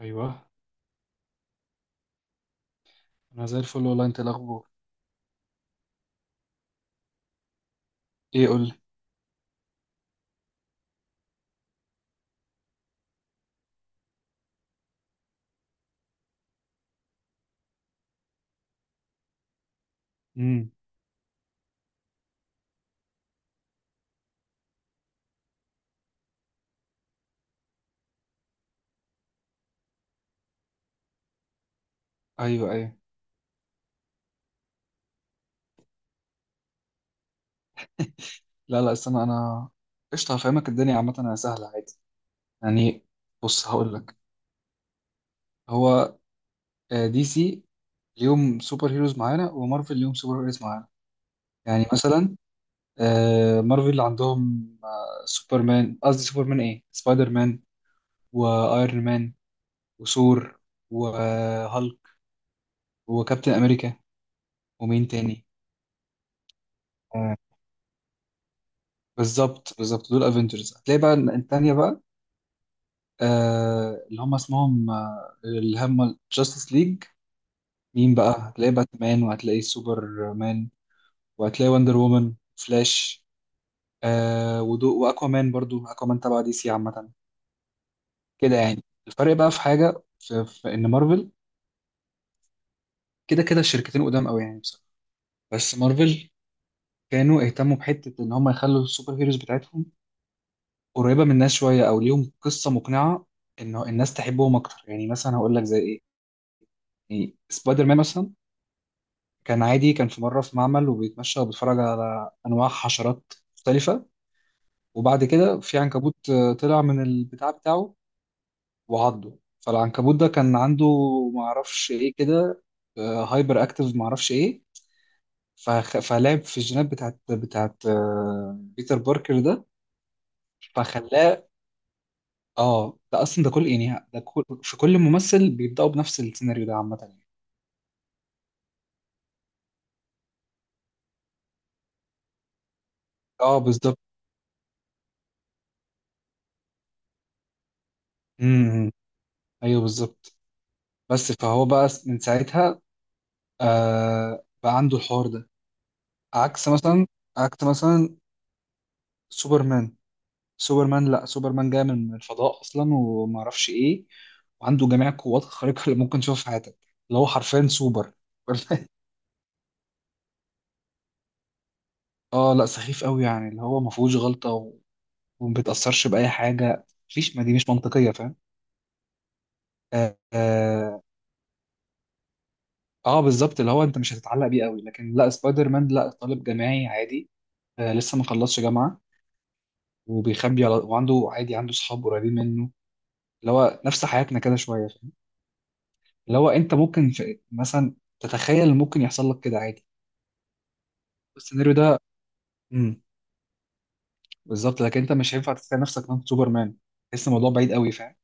ايوه. انا زي الفل والله. انت إيه الاخبار؟ ايه قول لي. امم. ايوه، ايوه. لا، لا، استنى انا. قشطه، هفهمك. الدنيا عامه انا سهله عادي يعني. بص هقول لك. هو دي سي ليهم سوبر هيروز معانا، ومارفل ليهم سوبر هيروز معانا. يعني مثلا مارفل عندهم سوبرمان، قصدي سوبرمان ايه سبايدر مان، وايرون مان، وثور، وهالك، وكابتن امريكا. ومين تاني؟ آه، بالظبط بالظبط، دول افنجرز. هتلاقي بقى التانية بقى اللي هم اسمهم اللي هم جاستس ليج. مين بقى؟ هتلاقي باتمان، وهتلاقي سوبرمان، وهتلاقي وندر وومن، فلاش، ودو واكوامان، برضو اكوامان تبع دي سي عامة. كده يعني الفرق بقى في حاجة، في ان مارفل كده كده الشركتين قدام قوي يعني بصراحة. بس مارفل كانوا اهتموا بحتة ان هم يخلوا السوبر هيروز بتاعتهم قريبة من الناس شوية، او ليهم قصة مقنعة انه الناس تحبهم اكتر. يعني مثلا هقول لك زي ايه؟ يعني سبايدر مان مثلا، كان عادي، كان في مرة في معمل وبيتمشى وبيتفرج على أنواع حشرات مختلفة. وبعد كده في عنكبوت طلع من البتاع بتاعه وعضه. فالعنكبوت ده كان عنده، معرفش إيه كده، هايبر أكتيف، معرفش إيه، فلعب في الجينات بتاعت بيتر باركر ده، فخلاه. اه ده اصلا ده كل يعني ده كل في كل ممثل بيبداوا بنفس السيناريو ده عامه يعني. اه بالظبط. امم، إمم. ايوه بالظبط. بس فهو بقى من ساعتها بقى عنده الحوار ده. عكس مثلا، عكس مثلا سوبرمان. سوبرمان لا، سوبرمان جاي من الفضاء اصلا وما اعرفش ايه، وعنده جميع القوات الخارقه اللي ممكن تشوفها في حياتك، اللي هو حرفيا سوبر. اه لا، سخيف قوي يعني، اللي هو ما فيهوش غلطه و- وما بيتاثرش باي حاجه. مفيش، ما دي مش منطقيه، فاهم. اه، آه. آه، بالظبط، اللي هو انت مش هتتعلق بيه قوي. لكن لا، سبايدر مان لا، طالب جامعي عادي، آه لسه ما خلصش جامعه، وبيخبي على، وعنده عادي عنده صحاب قريبين منه، اللي هو نفس حياتنا كده شويه فاهم؟ اللي هو انت ممكن في مثلا تتخيل إن ممكن يحصل لك كده عادي السيناريو ده. امم. بالظبط، لكن انت مش هينفع تتخيل نفسك انت سوبرمان، تحس الموضوع بعيد قوي فاهم.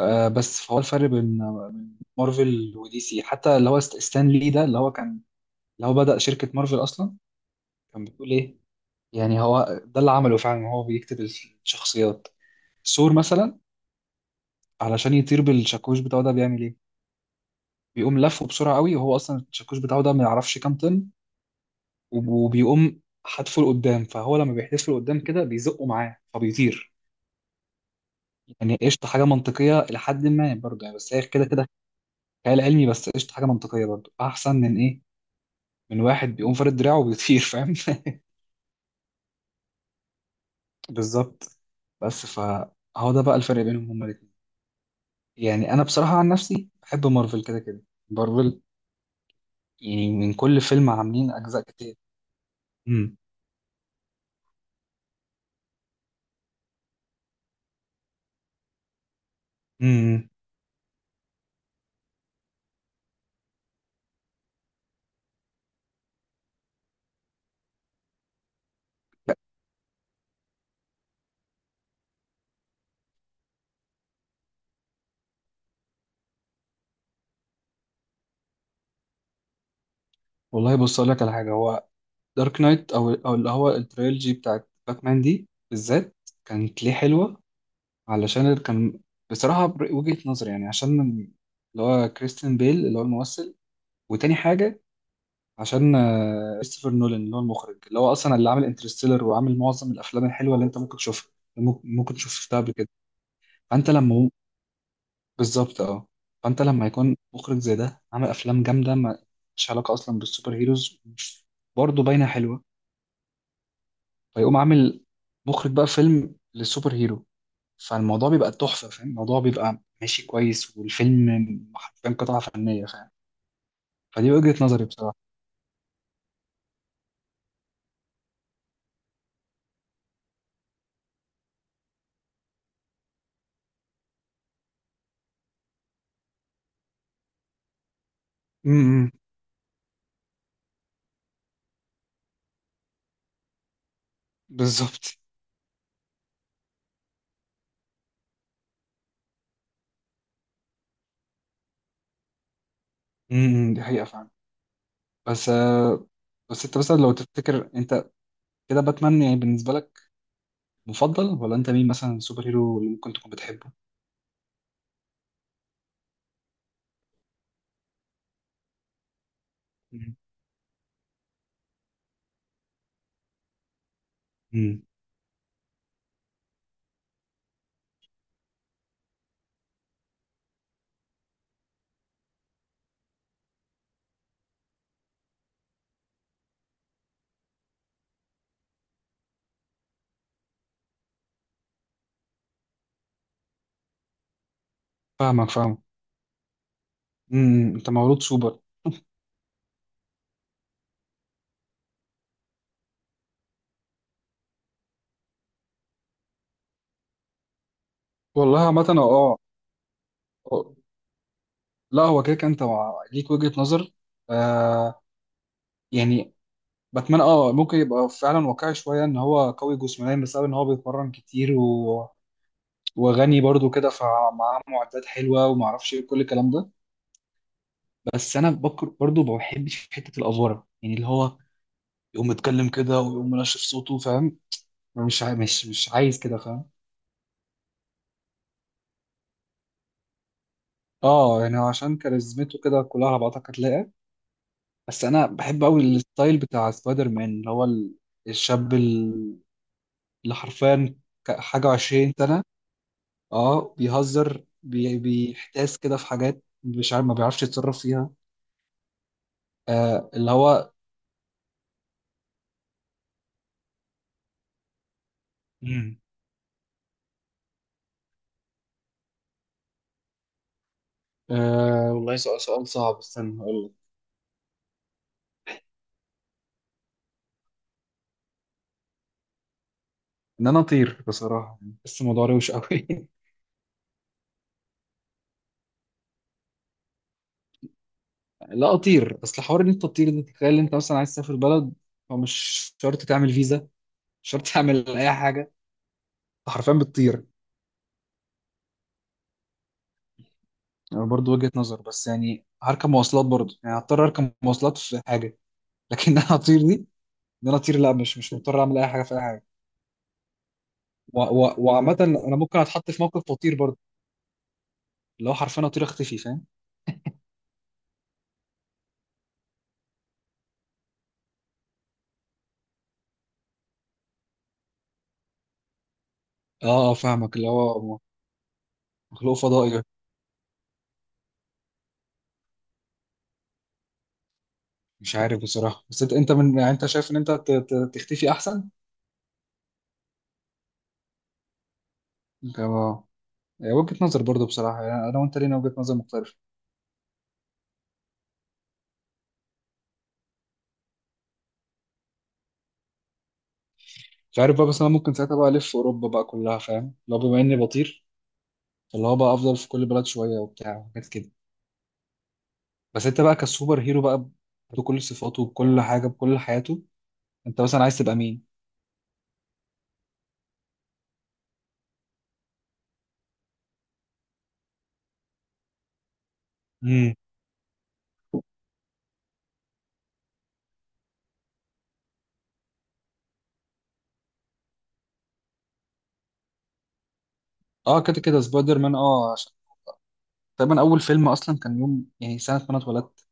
آه بس فهو الفرق بين، بين مارفل ودي سي، حتى اللي هو ستان لي ده اللي هو كان اللي هو بدأ شركه مارفل اصلا. كان بتقول ايه، يعني هو ده اللي عمله فعلا، هو بيكتب الشخصيات. ثور مثلا، علشان يطير بالشاكوش بتاعه ده، بيعمل ايه؟ بيقوم لفه بسرعه قوي، وهو اصلا الشاكوش بتاعه ده ما يعرفش كام طن، وبيقوم حدفه لقدام. فهو لما بيحدفه لقدام كده بيزقه معاه فبيطير. يعني قشطة، حاجة منطقية لحد ما، برضه يعني، بس هي كده كده خيال علمي، بس قشطة حاجة منطقية برضه، أحسن من إيه، من واحد بيقوم فارد دراعه وبيطير فاهم. بالظبط. بس فهو ده بقى الفرق بينهم هما الاتنين. يعني أنا بصراحة عن نفسي بحب مارفل كده كده. مارفل، يعني من كل فيلم عاملين أجزاء كتير. امم. امم. والله بص أقول لك على حاجة. هو دارك نايت، او او اللي هو التريلوجي بتاعت باتمان دي بالذات، كانت ليه حلوه علشان كان، بصراحه وجهه نظري يعني، عشان اللي هو كريستيان بيل اللي هو الممثل. وتاني حاجه، عشان كريستوفر نولان اللي هو المخرج، اللي هو اصلا اللي عامل انترستيلر وعامل معظم الافلام الحلوه اللي انت ممكن تشوفها، ممكن تشوف شفتها قبل كده. فانت لما، بالظبط اه. فانت لما يكون مخرج زي ده عامل افلام جامده، مش علاقه اصلا بالسوبر هيروز، برضه باينه حلوه، فيقوم عامل مخرج بقى فيلم للسوبر هيرو. فالموضوع بيبقى تحفة فاهم، الموضوع بيبقى ماشي كويس، والفيلم حرفيا قطعة فنية فاهم. فدي وجهة نظري بصراحة. امم. بالظبط. امم، دي حقيقة فعلا. بس آه، بس انت مثلا لو تفتكر انت كده باتمان يعني بالنسبة لك مفضل، ولا انت مين مثلا سوبر هيرو اللي ممكن تكون بتحبه؟ مم. مم. فاهمك فاهمك. امم. انت مولود سوبر. والله عامة اه. آه. لا هو كده كده انت ليك وجهة نظر. آه يعني، باتمان اه ممكن يبقى فعلا واقعي شويه ان هو قوي جسمانيا بسبب ان هو بيتمرن كتير، و... وغني برضو كده فمعاه معدات حلوه وما اعرفش ايه كل الكلام ده. بس انا بكر برضو ما بحبش حته الافوره يعني، اللي هو يقوم متكلم كده ويقوم منشف صوته فاهم. مش عايز كده فاهم. اه يعني عشان كاريزمته كده كلها على بعضها هتلاقي. بس انا بحب قوي الستايل بتاع سبايدر مان، اللي هو الشاب اللي حرفيا حاجه وعشرين سنه، اه بيهزر بيحتاس كده في حاجات مش عارف ما بيعرفش يتصرف فيها. آه اللي هو. امم. آه والله، سؤال صعب، استنى هقول لك. ان انا اطير بصراحه. بس الموضوع روش قوي. لا اطير، اصل حوار ان انت تطير ده، تخيل انت مثلا عايز تسافر بلد، فمش شرط تعمل فيزا، مش شرط تعمل اي حاجه. أنت حرفيا بتطير. يعني برضه وجهه نظر، بس يعني هركب مواصلات برضه، يعني هضطر اركب مواصلات في حاجه، لكن انا اطير دي. ان انا اطير، لا مش مش مضطر اعمل اي حاجه في اي حاجه. وعامة انا ممكن اتحط في موقف خطير برضه، اللي هو حرفيا اطير اختفي فاهم. اه اه فاهمك، اللي هو مخلوق فضائي. مش عارف بصراحة، بس انت انت من، يعني انت شايف ان انت تختفي احسن. انت ما-. هي وجهة نظر برضه بصراحة، يعني انا وانت لينا وجهة نظر مختلفة. مش عارف بقى، بس انا ممكن ساعتها بقى الف اوروبا بقى كلها فاهم لو بما اني بطير، فاللي هو بقى افضل في كل بلد شوية وبتاع وحاجات كده. بس انت بقى كسوبر هيرو بقى، بكل صفاته بكل حاجة بكل حياته، انت مثلا عايز تبقى مين؟ امم. اه كده كده سبايدر مان اه، تقريبا اول فيلم اصلا كان يوم يعني سنه ما انا اتولدت.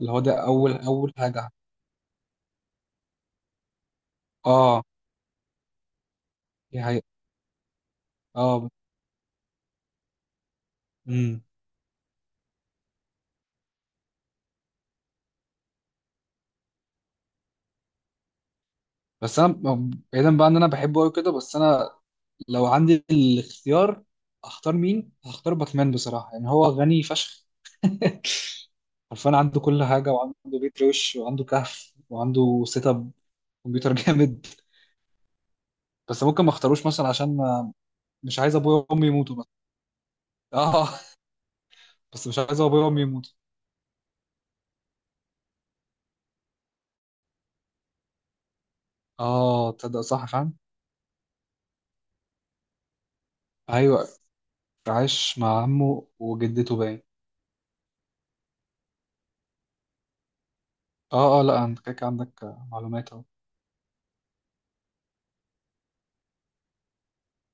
اللي هو ده اول اول حاجه. اه، دي حقيقة. اه. امم. بس انا بعيدا بقى ان انا بحبه قوي كده، بس انا لو عندي الاختيار اختار مين، هختار باتمان بصراحه، يعني هو غني فشخ. عارفان عنده كل حاجه، وعنده بيت روش وعنده كهف وعنده سيت اب كمبيوتر جامد. بس ممكن ما اختاروش مثلا عشان مش عايز ابويا وامي يموتوا مثلا. اه. بس مش عايز ابويا وامي يموتوا. اه تصدق صح فعلا. ايوه، عايش مع عمه وجدته باين. اه اه، لا انت كده كده عندك معلومات اهو.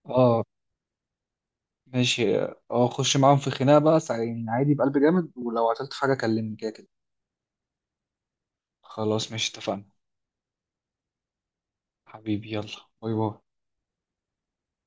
اه. ماشي. اه، خش معاهم في خناقة بقى، يعني عادي بقلب جامد، ولو عطلت في حاجة كلمني كده كده. خلاص ماشي اتفقنا. حبيبي يلا باي باي.